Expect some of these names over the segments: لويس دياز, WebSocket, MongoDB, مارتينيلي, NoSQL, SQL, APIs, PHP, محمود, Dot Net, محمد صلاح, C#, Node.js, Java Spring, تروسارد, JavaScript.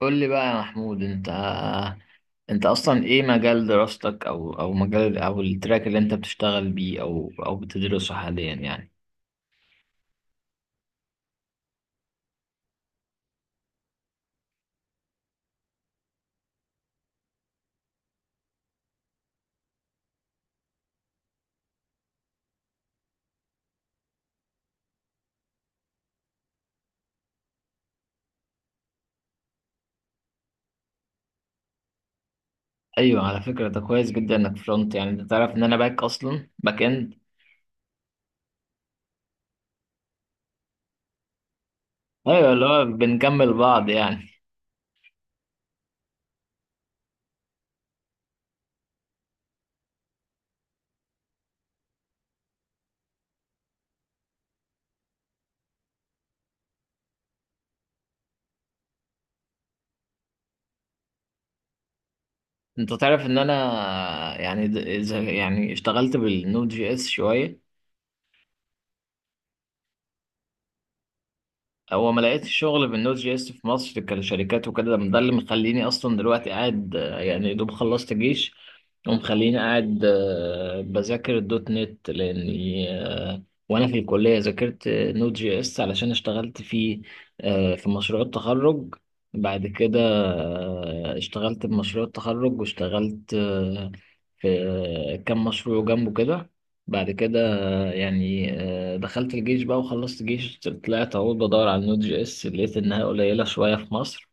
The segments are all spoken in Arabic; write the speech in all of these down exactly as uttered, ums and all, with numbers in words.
قول لي بقى يا محمود، انت انت اصلا ايه مجال دراستك او او مجال او التراك اللي انت بتشتغل بيه او او بتدرسه حاليا يعني؟ ايوه، على فكره ده كويس جدا انك فرونت، يعني انت تعرف ان انا باك، اصلا باك اند. ايوه، اللي هو بنكمل بعض يعني. انت تعرف ان انا يعني د- اذا يعني اشتغلت بالنود جي اس شويه. هو ما لقيتش شغل بالنوت جي اس في مصر كشركات وكده، ده اللي مخليني اصلا دلوقتي قاعد، آه، يعني يا دوب خلصت جيش. ومخليني قاعد آه، بذاكر الدوت نت لاني آه، وانا في الكليه ذاكرت نوت جي اس علشان اشتغلت فيه آه، في مشروع التخرج. بعد كده آه، اشتغلت بمشروع التخرج، واشتغلت آه، في كام مشروع جنبه كده. بعد كده يعني، آه، دخلت الجيش بقى وخلصت جيش، طلعت اهو بدور على النود جي اس، لقيت انها قليلة شوية في مصر.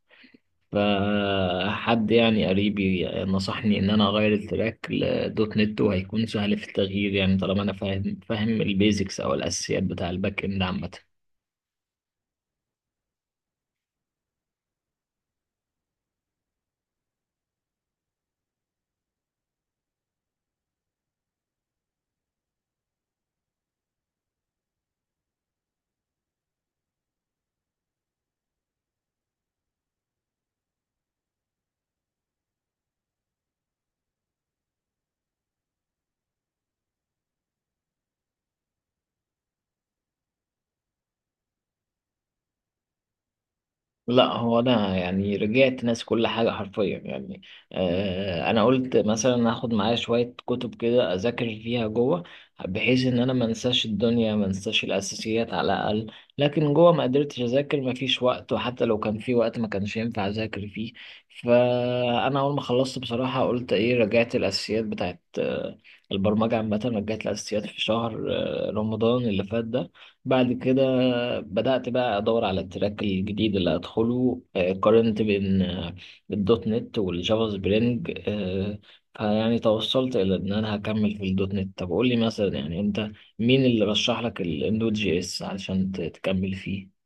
فحد يعني قريبي نصحني ان انا اغير التراك لدوت نت، وهيكون سهل في التغيير يعني طالما انا فاهم فاهم البيزكس او الاساسيات بتاع الباك اند عامة. لا، هو انا يعني رجعت ناسي كل حاجه حرفيا يعني. آه انا قلت مثلا هاخد معايا شويه كتب كده اذاكر فيها جوه، بحيث ان انا ما انساش الدنيا، ما انساش الاساسيات على الاقل. لكن جوه ما قدرتش اذاكر، ما فيش وقت، وحتى لو كان في وقت ما كانش ينفع اذاكر فيه. فانا اول ما خلصت بصراحه قلت ايه، رجعت الاساسيات بتاعت آه، البرمجه عامه، رجعت الاساسيات في شهر آه، رمضان اللي فات ده. بعد كده بدأت بقى أدور على التراك الجديد اللي هدخله، آه، قارنت بين آه، الدوت نت والجافا سبرينج، آه، فيعني توصلت إلى إن أنا هكمل في الدوت نت. طب قول لي مثلا يعني أنت مين اللي رشح لك النود جي إس علشان ت- تكمل فيه؟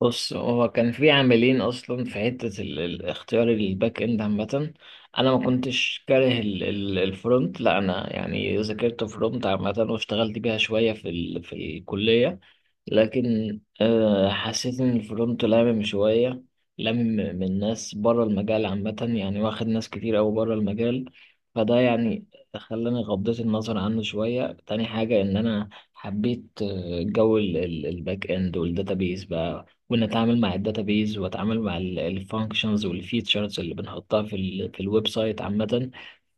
بص، هو كان في عاملين اصلا في حته ال- ال- اختيار الباك اند عامه. انا ما كنتش كاره ال- ال- الفرونت، لا، انا يعني ذاكرت فرونت عامه واشتغلت بيها شويه في ال- في الكليه. لكن آه، حسيت إن الفرونت لامم شوية، لامم من ناس بره المجال عامة، يعني واخد ناس كتير أوي بره المجال. فده يعني خلاني غضيت النظر عنه شوية. تاني حاجة إن أنا حبيت آه، جو ال- ال- الباك إند والداتابيز بقى، وإن أتعامل مع الداتابيز وأتعامل مع الفانكشنز والفيتشرز اللي بنحطها في ال- في الويب سايت عامة.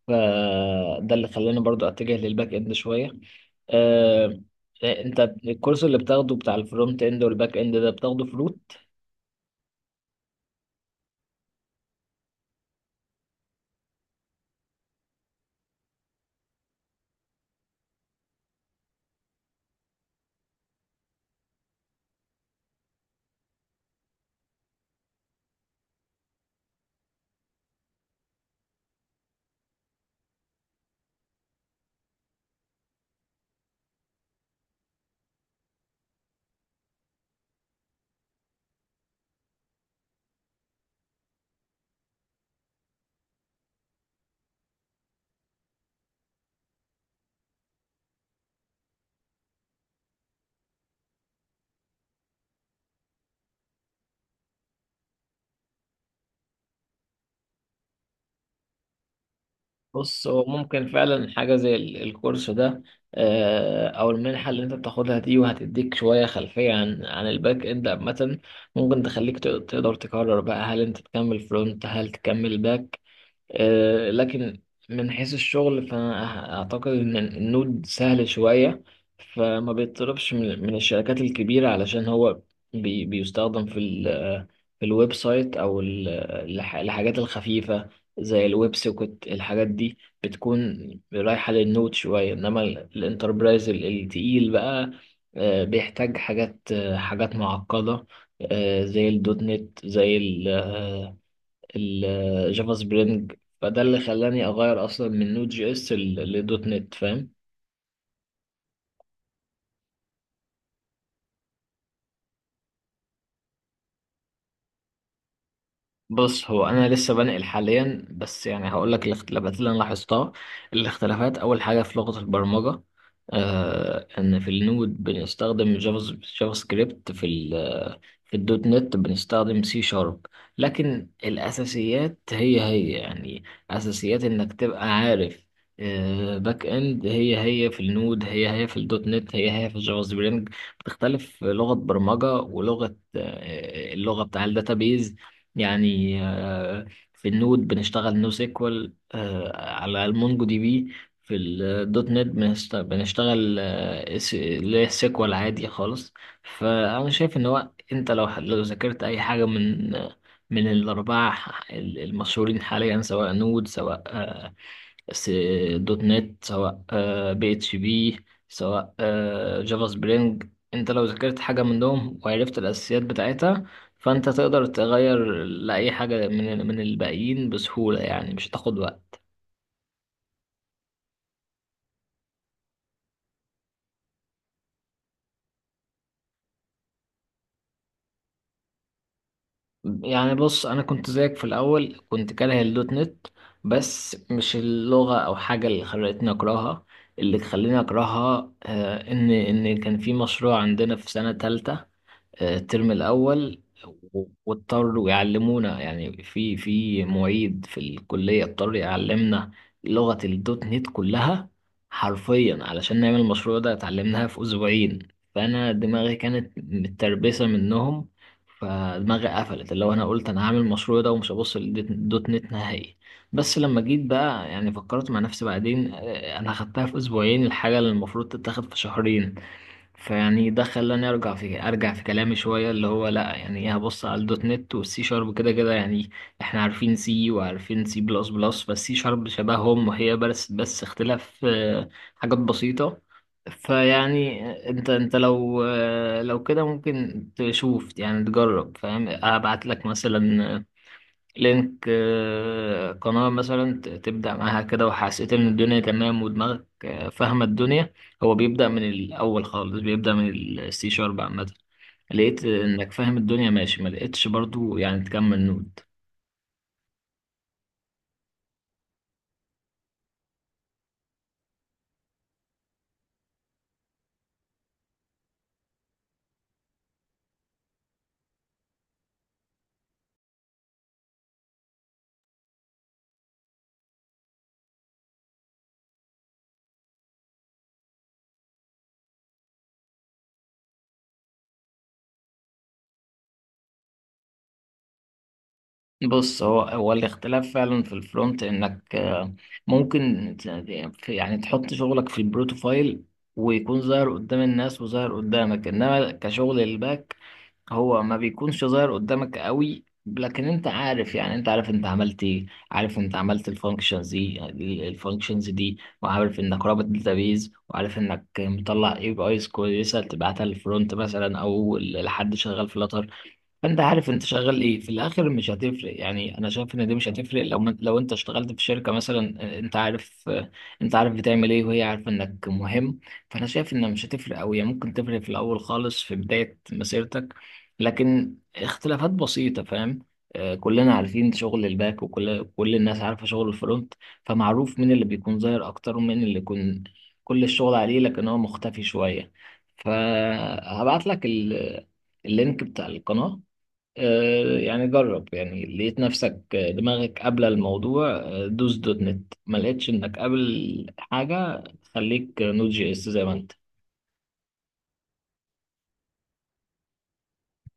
فده اللي خلاني برضو اتجه للباك اند شويه. آه، انت الكورس اللي بتاخده بتاع الفرونت اند والباك اند ده بتاخده في روت؟ بص، هو ممكن فعلا حاجه زي ال- الكورس ده، آه، او المنحه اللي انت بتاخدها دي، وهتديك شويه خلفيه عن عن الباك اند عامه. ممكن تخليك تق- تقدر تقرر بقى هل انت تكمل فرونت هل تكمل باك. آه، لكن من حيث الشغل فأنا أعتقد إن النود سهل شوية، فما بيطلبش من من الشركات الكبيرة، علشان هو بي بيستخدم في ال في الويب سايت أو ال- الح- الحاجات الخفيفة زي الويب سوكت. الحاجات دي بتكون رايحة للنود شوية، إنما ال- الانتربرايز ال- التقيل بقى آه، بيحتاج حاجات آه، حاجات معقدة، آه، زي الدوت نت زي الجافا سبرينج. فده اللي خلاني اغير اصلا من نود جي اس ل- لدوت نت، فاهم. بص، هو انا لسه بنقل حاليا، بس يعني هقول لك الاختلافات اللي انا لاحظتها. الاختلافات، اول حاجه في لغه البرمجه، آه ان في النود بنستخدم جافا جافا سكريبت، في في الدوت نت بنستخدم سي شارب. لكن الأساسيات هي هي يعني، أساسيات إنك تبقى عارف آه، باك إند. هي هي في النود، هي هي في الدوت نت، هي هي في الجافا سبرينج. بتختلف لغة برمجة ولغة، آه، اللغة بتاع الداتابيز يعني. آه، في النود بنشتغل نو سيكوال على المونجو دي بي، في الدوت نت بنشت- بنشتغل آه، اس- اللي هي السيكوال عادي خالص. فأنا شايف إن هو، انت لو ح- لو ذاكرت اي حاجه من من الاربعه ح- المشهورين حاليا، سواء نود، سواء آه، س- دوت نت، سواء آه، بي اتش بي، سواء آه، جافا سبرينج. انت لو ذاكرت حاجه منهم وعرفت الاساسيات بتاعتها، فانت تقدر تغير لاي حاجه من من الباقيين بسهوله يعني، مش هتاخد وقت. يعني بص، انا كنت زيك في الاول كنت كاره الدوت نت، بس مش اللغه او حاجه اللي خلتني اكرهها. اللي خلاني اكرهها آه، ان ان كان في مشروع عندنا في سنه تالتة، آه، الترم الأول، و- واضطروا يعلمونا يعني، في في معيد في الكلية اضطر يعلمنا لغة الدوت نت كلها حرفيا علشان نعمل المشروع ده، اتعلمناها في أسبوعين. فأنا دماغي كانت متربسة منهم، فدماغي قفلت، اللي هو أنا قلت أنا هعمل المشروع ده ومش هبص للدوت نت نهائي. بس لما جيت بقى يعني فكرت مع نفسي بعدين، آه، أنا خدتها في أسبوعين الحاجة اللي المفروض تتاخد في شهرين. فيعني ده خلاني ارجع في ارجع في كلامي شويه، اللي هو لا يعني ايه، هبص على الدوت نت والسي شارب كده كده يعني، احنا عارفين سي وعارفين سي بلس بلس، فالسي شارب شبههم، وهي بس بس اختلاف آه، حاجات بسيطه. فيعني انت انت لو آه، لو كده ممكن تشوف، يعني تجرب، فاهم. ابعت لك مثلا لينك آه، قناة مثلا ت- تبدأ معاها كده، وحسيت إن الدنيا تمام ودماغك آه، فاهمة الدنيا. هو بيبدأ من الأول خالص، بيبدأ من السي شارب عامة. لقيت إنك فاهم الدنيا ماشي، ما لقيتش برضو يعني تكمل نود. بص، هو هو الاختلاف فعلا في الفرونت إنك آه، ممكن ت- يعني تحط شغلك في البروتوفايل، ويكون ظاهر قدام الناس وظاهر قدامك، إنما كشغل الباك، هو ما بيكونش ظاهر قدامك قوي. لكن انت عارف، يعني انت عارف انت عملت ايه، عارف انت عملت الفانكشنز دي، الفانكشنز دي، وعارف انك رابط داتابيز، وعارف انك مطلع اي بي ايز كويسه تبعتها للفرونت مثلا او لحد شغال في لاتر. فانت عارف انت شغال ايه في الاخر، مش هتفرق يعني. انا شايف ان دي مش هتفرق، لو من لو انت اشتغلت في شركه مثلا آه، انت عارف آه، انت عارف بتعمل ايه، وهي عارفه انك مهم. فانا شايف انها مش هتفرق قوي، ممكن تفرق في الاول خالص في بدايه مسيرتك، لكن اختلافات بسيطه، فاهم. آه، كلنا عارفين شغل الباك، وكل كل الناس عارفه شغل الفرونت. فمعروف مين اللي بيكون ظاهر اكتر، ومين اللي يكون كل الشغل عليه لكن هو مختفي شويه. فهبعت لك ال- اللينك بتاع القناه. آه، يعني جرب، يعني لقيت نفسك آه، دماغك قابلة الموضوع آه، دوس دوت نت. ما لقيتش انك قابل حاجة، خليك آه، نوت جي اس زي ما انت